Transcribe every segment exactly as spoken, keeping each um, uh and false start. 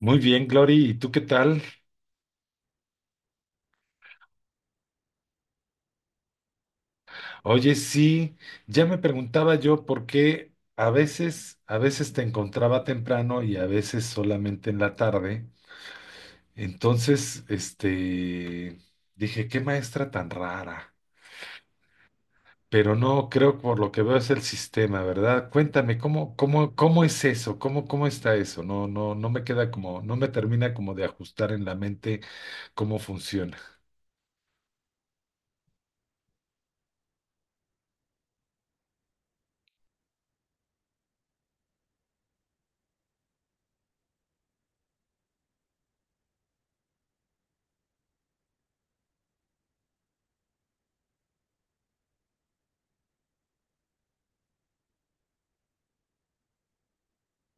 Muy bien, Glory, ¿y tú qué tal? Oye, sí, ya me preguntaba yo por qué a veces, a veces te encontraba temprano y a veces solamente en la tarde. Entonces, este, dije, qué maestra tan rara. Pero no, creo que por lo que veo es el sistema, ¿verdad? Cuéntame, ¿cómo, cómo, cómo es eso? ¿Cómo, cómo está eso? No, no, no me queda como, no me termina como de ajustar en la mente cómo funciona.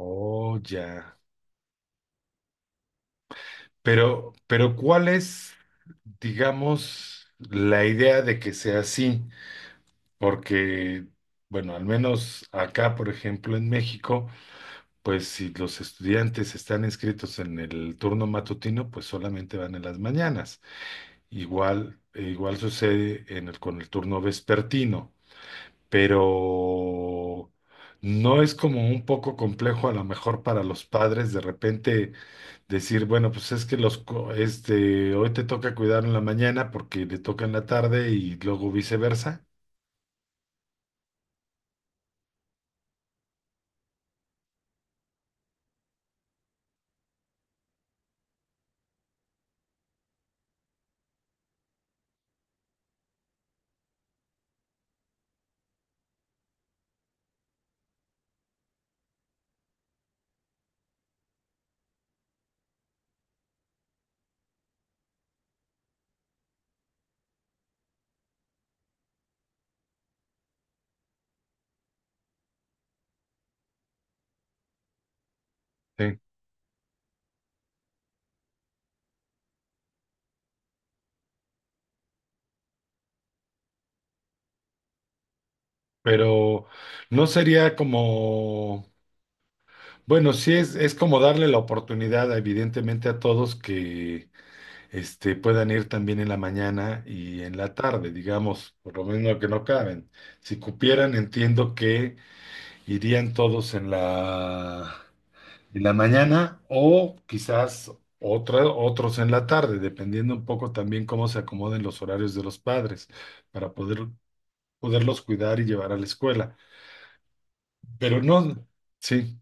Oh, ya. Pero, pero ¿cuál es, digamos, la idea de que sea así? Porque, bueno, al menos acá, por ejemplo, en México, pues si los estudiantes están inscritos en el turno matutino, pues solamente van en las mañanas. Igual, eh, igual sucede en el- con el turno vespertino. Pero no es como un poco complejo a lo mejor para los padres de repente decir, bueno, pues es que los, co- este, hoy te toca cuidar en la mañana porque le toca en la tarde y luego viceversa. Sí. Pero no sería como, bueno, sí es, es como darle la oportunidad evidentemente a todos que este, puedan ir también en la mañana y en la tarde, digamos, por lo menos que no caben. Si cupieran, entiendo que irían todos en la, en la mañana o quizás otra- otros en la tarde, dependiendo un poco también cómo se acomoden los horarios de los padres para poder, poderlos cuidar y llevar a la escuela. Pero no, sí,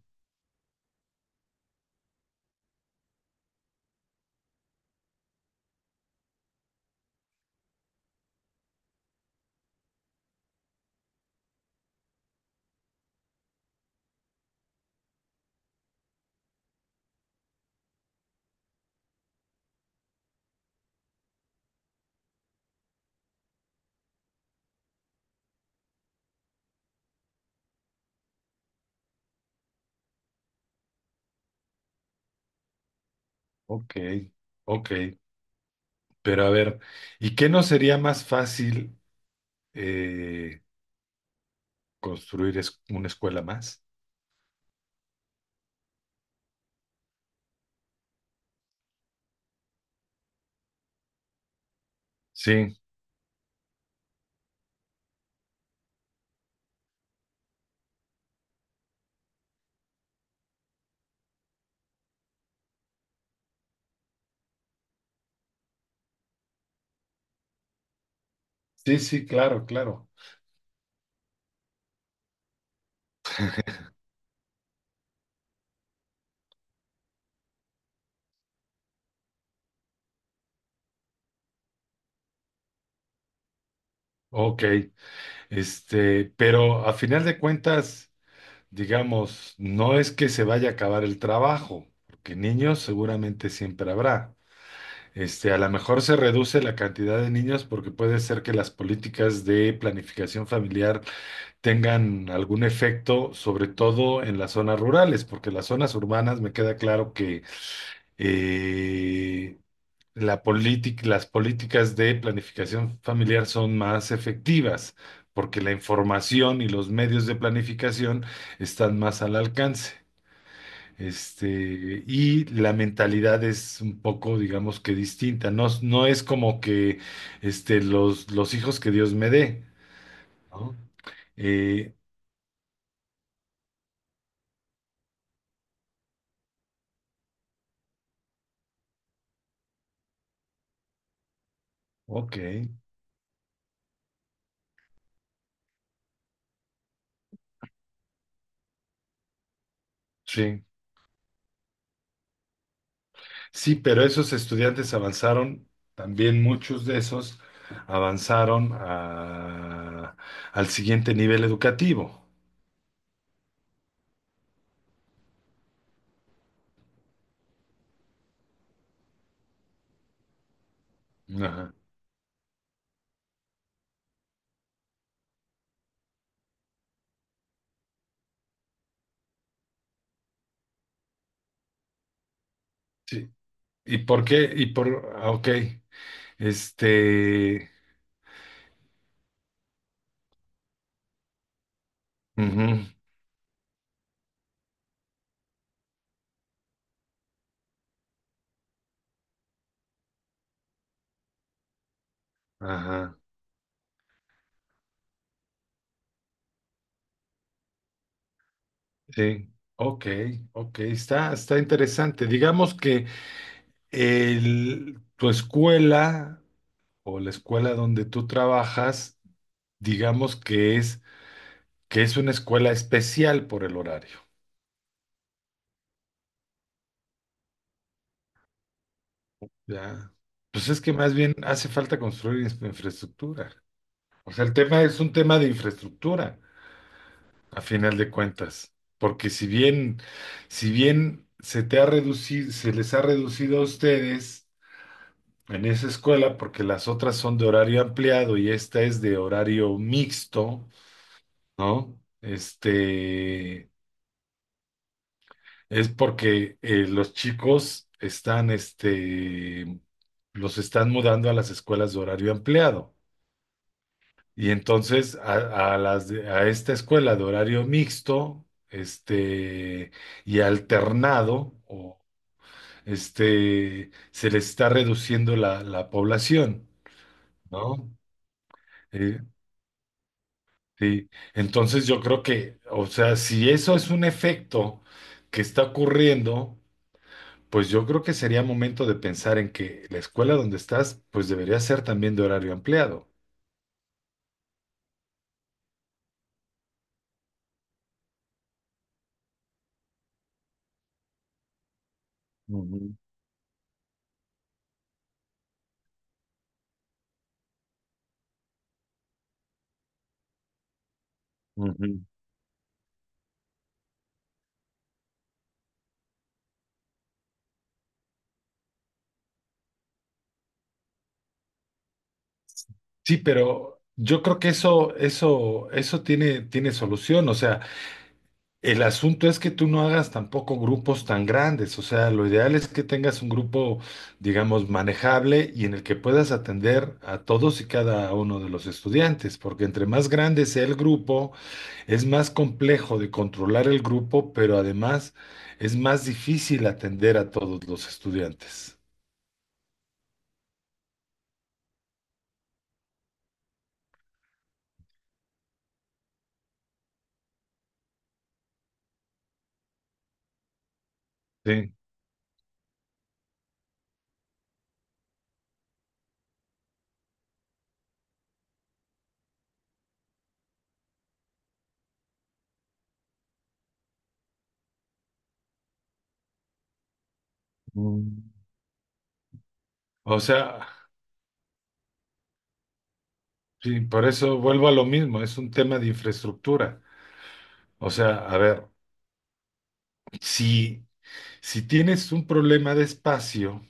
ok, ok. Pero a ver, ¿y qué no sería más fácil eh, construir es- una escuela más? Sí, sí, sí, claro, claro. Ok, este, pero a final de cuentas, digamos, no es que se vaya a acabar el trabajo, porque niños seguramente siempre habrá. Este, a lo mejor se reduce la cantidad de niños porque puede ser que las políticas de planificación familiar tengan algún efecto, sobre todo en las zonas rurales, porque las zonas urbanas me queda claro que eh, la política, las políticas de planificación familiar son más efectivas, porque la información y los medios de planificación están más al alcance. Este, y la mentalidad es un poco, digamos que distinta. No, no es como que este, los, los hijos que Dios me dé, ¿no? Eh, ok, sí. Sí, pero esos estudiantes avanzaron, también muchos de esos avanzaron a- al siguiente nivel educativo. Ajá, sí. ¿Y por qué? Y por, ah, ok, este, ujú, ajá. Sí, ok, ok, está, está interesante. Digamos que el- tu escuela o la escuela donde tú trabajas, digamos que es, que es una escuela especial por el horario, ¿ya? Pues es que más bien hace falta construir ins- infraestructura. O sea, el tema es un tema de infraestructura, a final de cuentas. Porque si bien, si bien se te ha reducido, se les ha reducido a ustedes en esa escuela, porque las otras son de horario ampliado y esta es de horario mixto, ¿no? Este, es porque eh, los chicos están, este, los están mudando a las escuelas de horario ampliado. Y entonces a, a las de- a esta escuela de horario mixto, este, y alternado, o este, se les está reduciendo la, la población, ¿no? Eh, sí, entonces yo creo que, o sea, si eso es un efecto que está ocurriendo, pues yo creo que sería momento de pensar en que la escuela donde estás, pues debería ser también de horario ampliado. Ujú, ujú. Sí, pero yo creo que eso, eso, eso tiene, tiene solución. O sea, el asunto es que tú no hagas tampoco grupos tan grandes, o sea, lo ideal es que tengas un grupo, digamos, manejable y en el que puedas atender a todos y cada uno de los estudiantes, porque entre más grande sea el grupo, es más complejo de controlar el grupo, pero además es más difícil atender a todos los estudiantes. Sí. Mm. O sea, sí, por eso vuelvo a lo mismo, es un tema de infraestructura. O sea, a ver, si, si tienes un problema de espacio,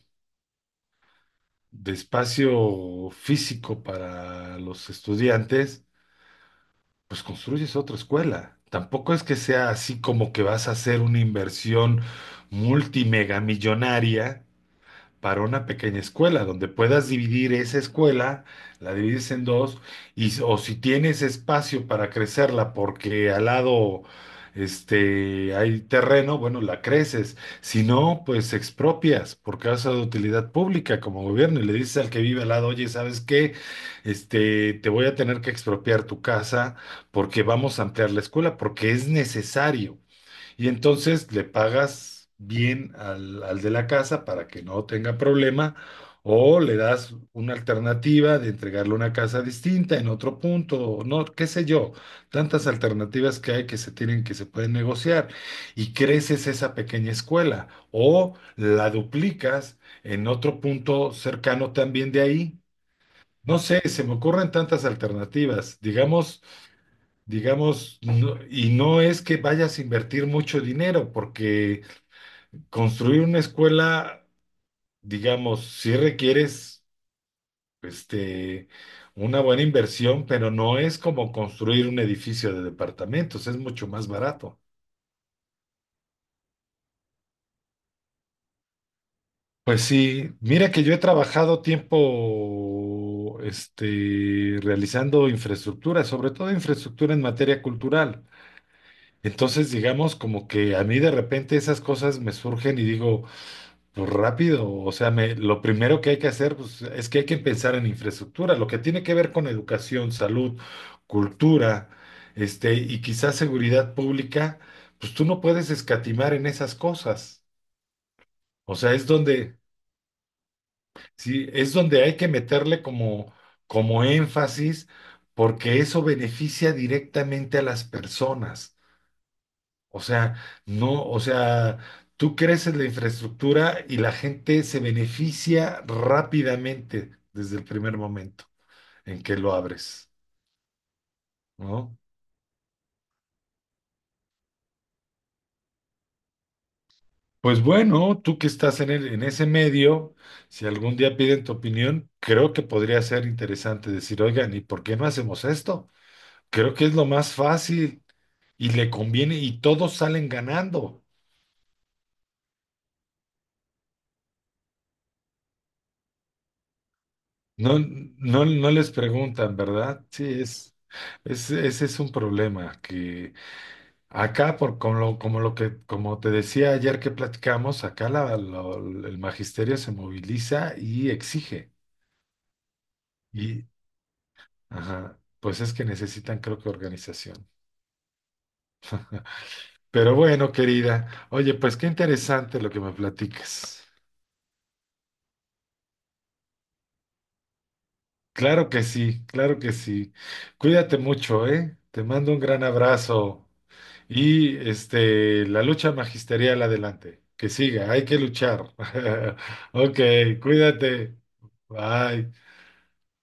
de espacio físico para los estudiantes, pues construyes otra escuela. Tampoco es que sea así como que vas a hacer una inversión multimegamillonaria para una pequeña escuela, donde puedas dividir esa escuela, la divides en dos, y, s- o si tienes espacio para crecerla porque al lado este, hay terreno, bueno, la creces. Si no, pues expropias por causa de utilidad pública como gobierno y le dices al que vive al lado, oye, ¿sabes qué? Este, te voy a tener que expropiar tu casa porque vamos a ampliar la escuela, porque es necesario. Y entonces le pagas bien al, al de la casa para que no tenga problema o le das una alternativa de entregarle una casa distinta en otro punto, o no, qué sé yo, tantas alternativas que hay que se tienen que se pueden negociar y creces esa pequeña escuela o la duplicas en otro punto cercano también de ahí. No sé, se me ocurren tantas alternativas. Digamos, digamos, no- y no es que vayas a invertir mucho dinero, porque construir una escuela, digamos, sí requieres, este, una buena inversión, pero no es como construir un edificio de departamentos, es mucho más barato. Pues sí, mira que yo he trabajado tiempo, este, realizando infraestructura, sobre todo infraestructura en materia cultural. Entonces, digamos, como que a mí de repente esas cosas me surgen y digo, pues rápido, o sea, me- lo primero que hay que hacer pues, es que hay que pensar en infraestructura, lo que tiene que ver con educación, salud, cultura, este, y quizás seguridad pública, pues tú no puedes escatimar en esas cosas. O sea, es donde, sí, es donde hay que meterle como, como énfasis, porque eso beneficia directamente a las personas. O sea, no, o sea, tú creces la infraestructura y la gente se beneficia rápidamente desde el primer momento en que lo abres, ¿no? Pues bueno, tú que estás en el- en ese medio, si algún día piden tu opinión, creo que podría ser interesante decir, oigan, ¿y por qué no hacemos esto? Creo que es lo más fácil y le conviene y todos salen ganando. No, no, no les preguntan, ¿verdad? Sí, es, es, ese es un problema que acá, por, como, lo, como lo que, como te decía ayer que platicamos, acá la- lo- el magisterio se moviliza y exige. Y, ajá, pues es que necesitan, creo que, organización. Pero bueno, querida, oye, pues qué interesante lo que me platicas. Claro que sí, claro que sí. Cuídate mucho, ¿eh? Te mando un gran abrazo. Y este, la lucha magisterial adelante, que siga, hay que luchar. Ok, cuídate. Bye.